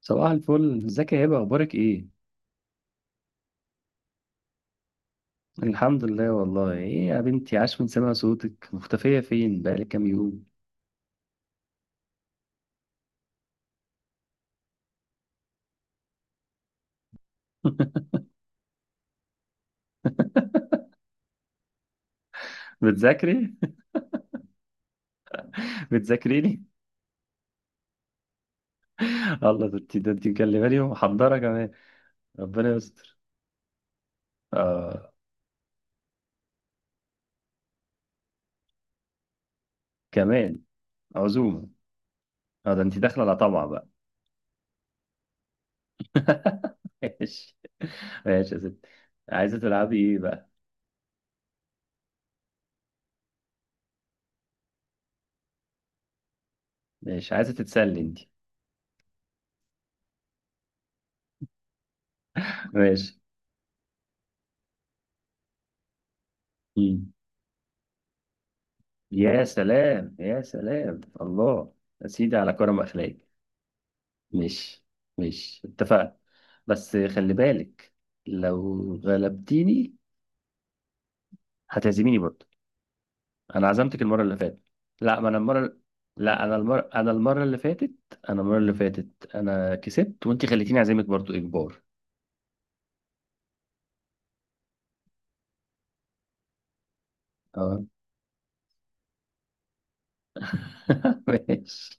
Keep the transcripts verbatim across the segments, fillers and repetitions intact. صباح الفل، ازيك يا هبة؟ اخبارك ايه؟ الحمد لله والله. ايه يا بنتي، عاش من سمع صوتك، مختفية فين بقالك كام يوم؟ بتذاكري؟ بتذاكريني؟ الله، ده انت ده انت مكلماني ومحضرة كمان؟ ربنا يستر. آه. كمان؟ عزومة؟ اه ده انت داخلة على طمع بقى. ماشي. ماشي يا ستي، عايزة تلعبي ايه بقى؟ ماشي، عايزة تتسلي انت؟ ماشي. مم. يا سلام، يا سلام الله. يا سيدي على كرم اخلاق. مش مش اتفقنا؟ بس خلي بالك، لو غلبتيني هتعزميني برضه. انا عزمتك المره اللي فاتت. لا ما انا المره لا انا المره انا المره اللي فاتت انا المره اللي فاتت انا كسبت وانت خليتيني اعزمك برضه اجبار. اه. ماشي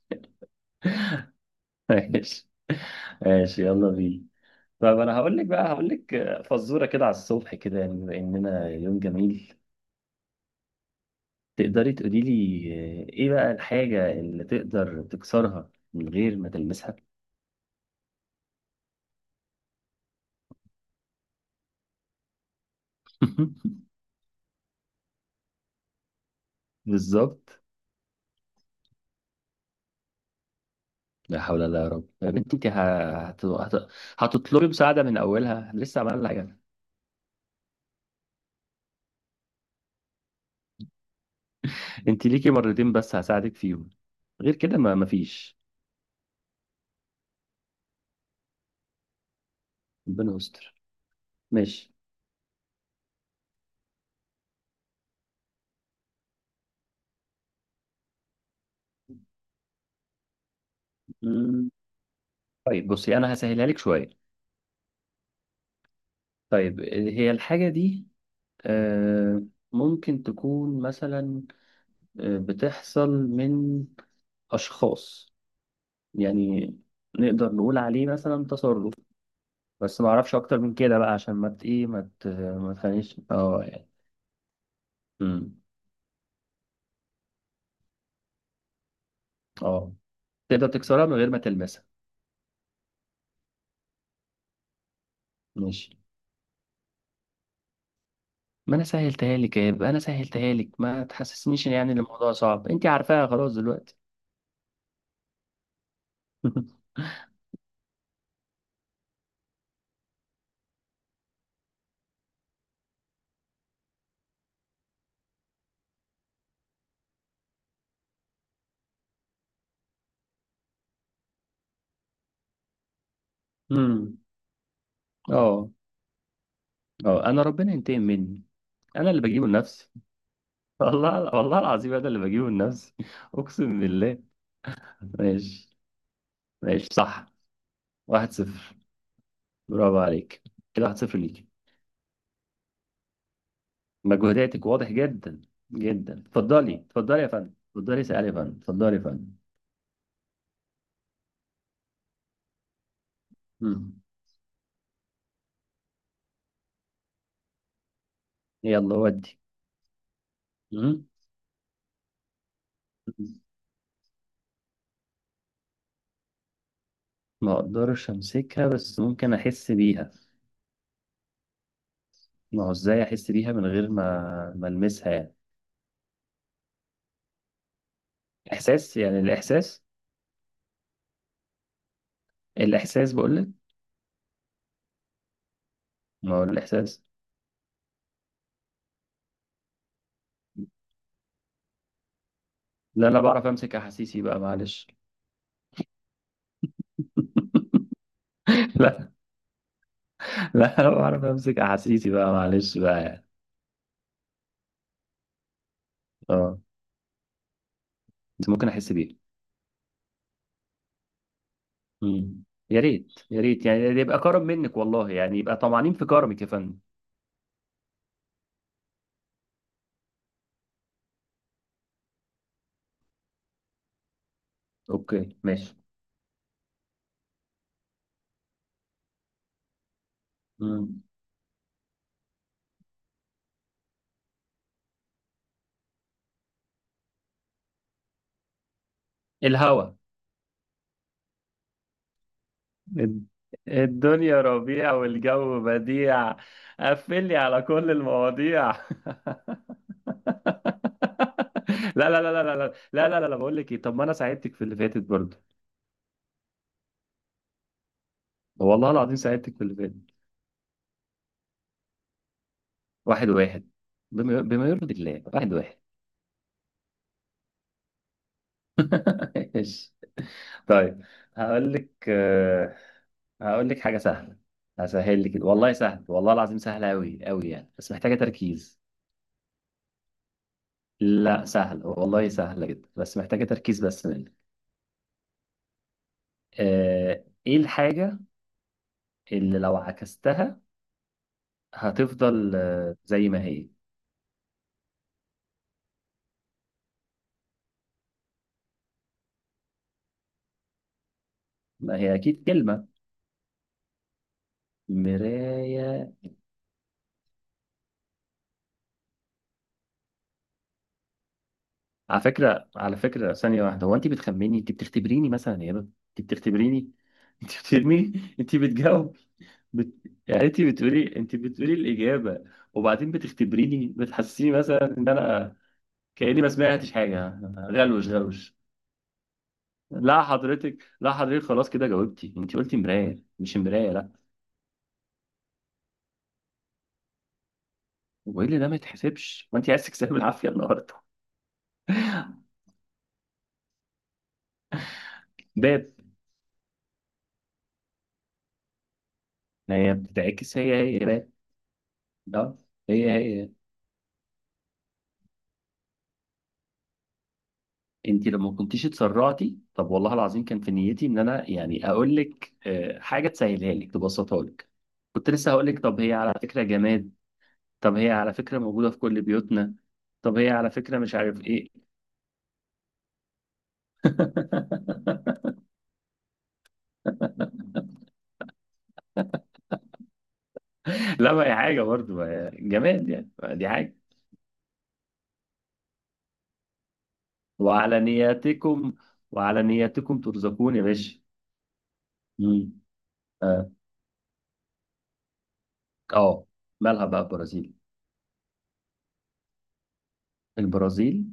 ماشي. ماشي يلا بينا. طب انا هقول لك بقى هقول لك فزوره كده على الصبح كده يعني، بما اننا يوم جميل. تقدري تقولي لي ايه بقى الحاجة اللي تقدر تكسرها من غير ما تلمسها؟ بالظبط. لا حول ولا قوة، يا رب يا بنتي، انت ه- هت... هت... هتطلبي مساعدة من اولها؟ لسه عملنا حاجة. انت ليكي مرتين بس هساعدك فيهم، غير كده ما مفيش. ربنا يستر. ماشي. مم. طيب بصي، انا هسهلها لك شوية. طيب هي الحاجة دي آه، ممكن تكون مثلا آه، بتحصل من اشخاص، يعني نقدر نقول عليه مثلا تصرف، بس ما اعرفش اكتر من كده بقى، عشان ما ت- ايه ما ت- ما تخليش، اه يعني. امم. اه، تقدر تكسرها من غير ما تلمسها. ماشي، ما انا سهلتها لك، يا يبقى انا سهلتها لك، ما تحسسنيش يعني إن يعني الموضوع صعب، انت عارفاها خلاص دلوقتي. امم. اه. اه، انا ربنا ينتقم مني، انا اللي بجيبه لنفسي. والله، والله العظيم انا اللي بجيبه لنفسي. اقسم بالله. ماشي. ماشي صح. واحد صفر. برافو عليك، كده واحد صفر ليك. مجهوداتك واضح جدا، جدا. اتفضلي، اتفضلي يا فندم، اتفضلي اسألي يا فندم، اتفضلي يا فندم. مم. يلا ودي. مم. ما اقدرش امسكها، بس ممكن احس بيها. ما هو ازاي احس بيها من غير ما ما المسها يعني؟ احساس، يعني الاحساس. الاحساس بقول لك. ما هو الاحساس. لا، انا بعرف امسك احاسيسي بقى معلش. لا، لا انا بعرف امسك احاسيسي بقى معلش بقى يعني. اه، بس ممكن احس بيها. مم. يا ريت، يا ريت يعني، يبقى كرم منك والله يعني، يبقى طمعانين في كرمك يا فندم. اوكي ماشي. مم. الهوا. الد- الدنيا ربيع والجو بديع. قفل لي على كل المواضيع. لا لا لا لا لا لا، لا لا لا لا، بقول لك ايه، طب ما انا ساعدتك في اللي فاتت برضه. والله العظيم ساعدتك في اللي فاتت. واحد واحد. بما بما يرضي الله، واحد واحد. ماشي. طيب، هقول لك آه، هقول لك حاجة سهلة. هسهل لك والله، سهل والله العظيم سهلة أوي أوي يعني، بس محتاجة تركيز. لا سهل والله، سهلة جدا بس محتاجة تركيز بس منك. آه إيه الحاجة اللي لو عكستها هتفضل آه زي ما هي؟ ما هي أكيد كلمة. مراية. على فكرة، على فكرة ثانية واحدة، هو أنت بتخمني؟ أنت بتختبريني مثلا يا بابا؟ أنت بتختبريني. أنت بترمي، أنت بتجاوب، بت... يعني انت بتقولي، انت بتقولي الاجابه وبعدين بتختبريني، بتحسسيني مثلا ان انا كاني ما سمعتش حاجه. غلوش غلوش. لا حضرتك، لا حضرتك، خلاص كده جاوبتي، انت قلتي مرايه، مش مرايه لا. وايه اللي ده ما يتحسبش وانت عايز تكسبي العافيه النهارده؟ باب. ما هي بتتعكس، هي هي باب. ده هي هي. انت لما كنتيش اتسرعتي، طب والله العظيم كان في نيتي ان انا يعني اقول لك آه، حاجه تسهلها لك تبسطها لك. كنت لسه هقول لك طب هي على فكره جماد، طب هي على فكرة موجودة في كل بيوتنا، طب هي على فكرة مش عارف ايه. لا، ما هي حاجة برضه، ما هي جماد يعني، ما دي حاجة. وعلى نياتكم، وعلى نياتكم ترزقون يا باشا. مم. اه. آه. مالها بقى البرازيل؟ البرازيل.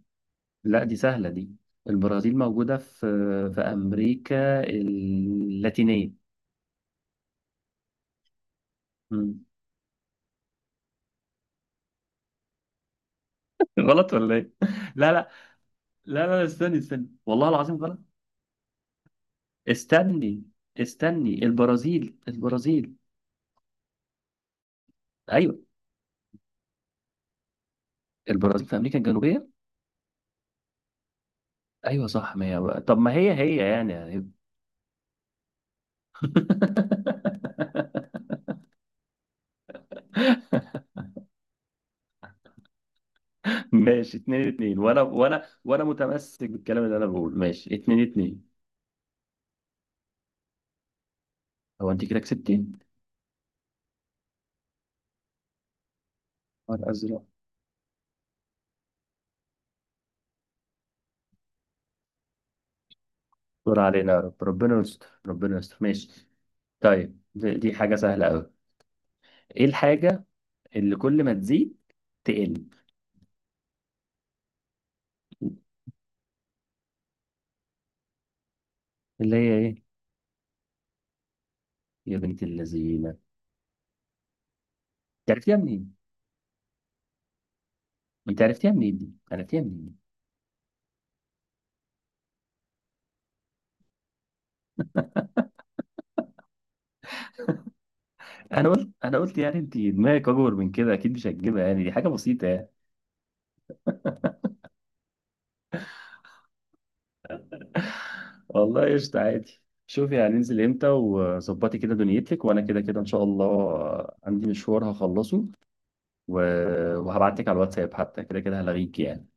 لا دي سهلة دي، البرازيل موجودة في في أمريكا اللاتينية. مم. غلط ولا ايه؟ لا لا، لا لا استني، استني والله العظيم غلط. استني، استني البرازيل، البرازيل، ايوه البرازيل في امريكا الجنوبيه. ايوه صح، ما هي بقى. طب ما هي هي يعني يعني. ماشي، اتنين اتنين. وانا وانا وانا متمسك بالكلام اللي انا بقوله، ماشي اتنين اتنين. هو انت كده كسبتي؟ نهار ازرق. دور علينا يا رب، ربنا يستر، ربنا يستر. ماشي. طيب دي دي حاجه سهله قوي. ايه الحاجه اللي كل ما تزيد تقل؟ اللي هي ايه؟ يا بنت اللذينه، انت عرفتيها منين؟ انت عرفتيها منين دي، عرفتيها منين؟ انا قلت انا قلت يعني انت دماغك اكبر من كده، اكيد مش هتجيبها يعني، دي حاجه بسيطه يعني. والله قشطه، عادي. شوفي هننزل امتى، وظبطي كده دنيتك، وانا كده كده ان شاء الله عندي مشوار هخلصه، و... وهبعت لك على الواتساب حتى، كده كده هلغيك يعني.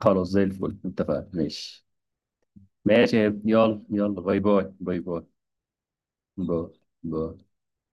خلاص زي الفل، اتفقنا، ماشي. ماشي يا ابني. يلا يلا، باي باي، باي باي، باي باي.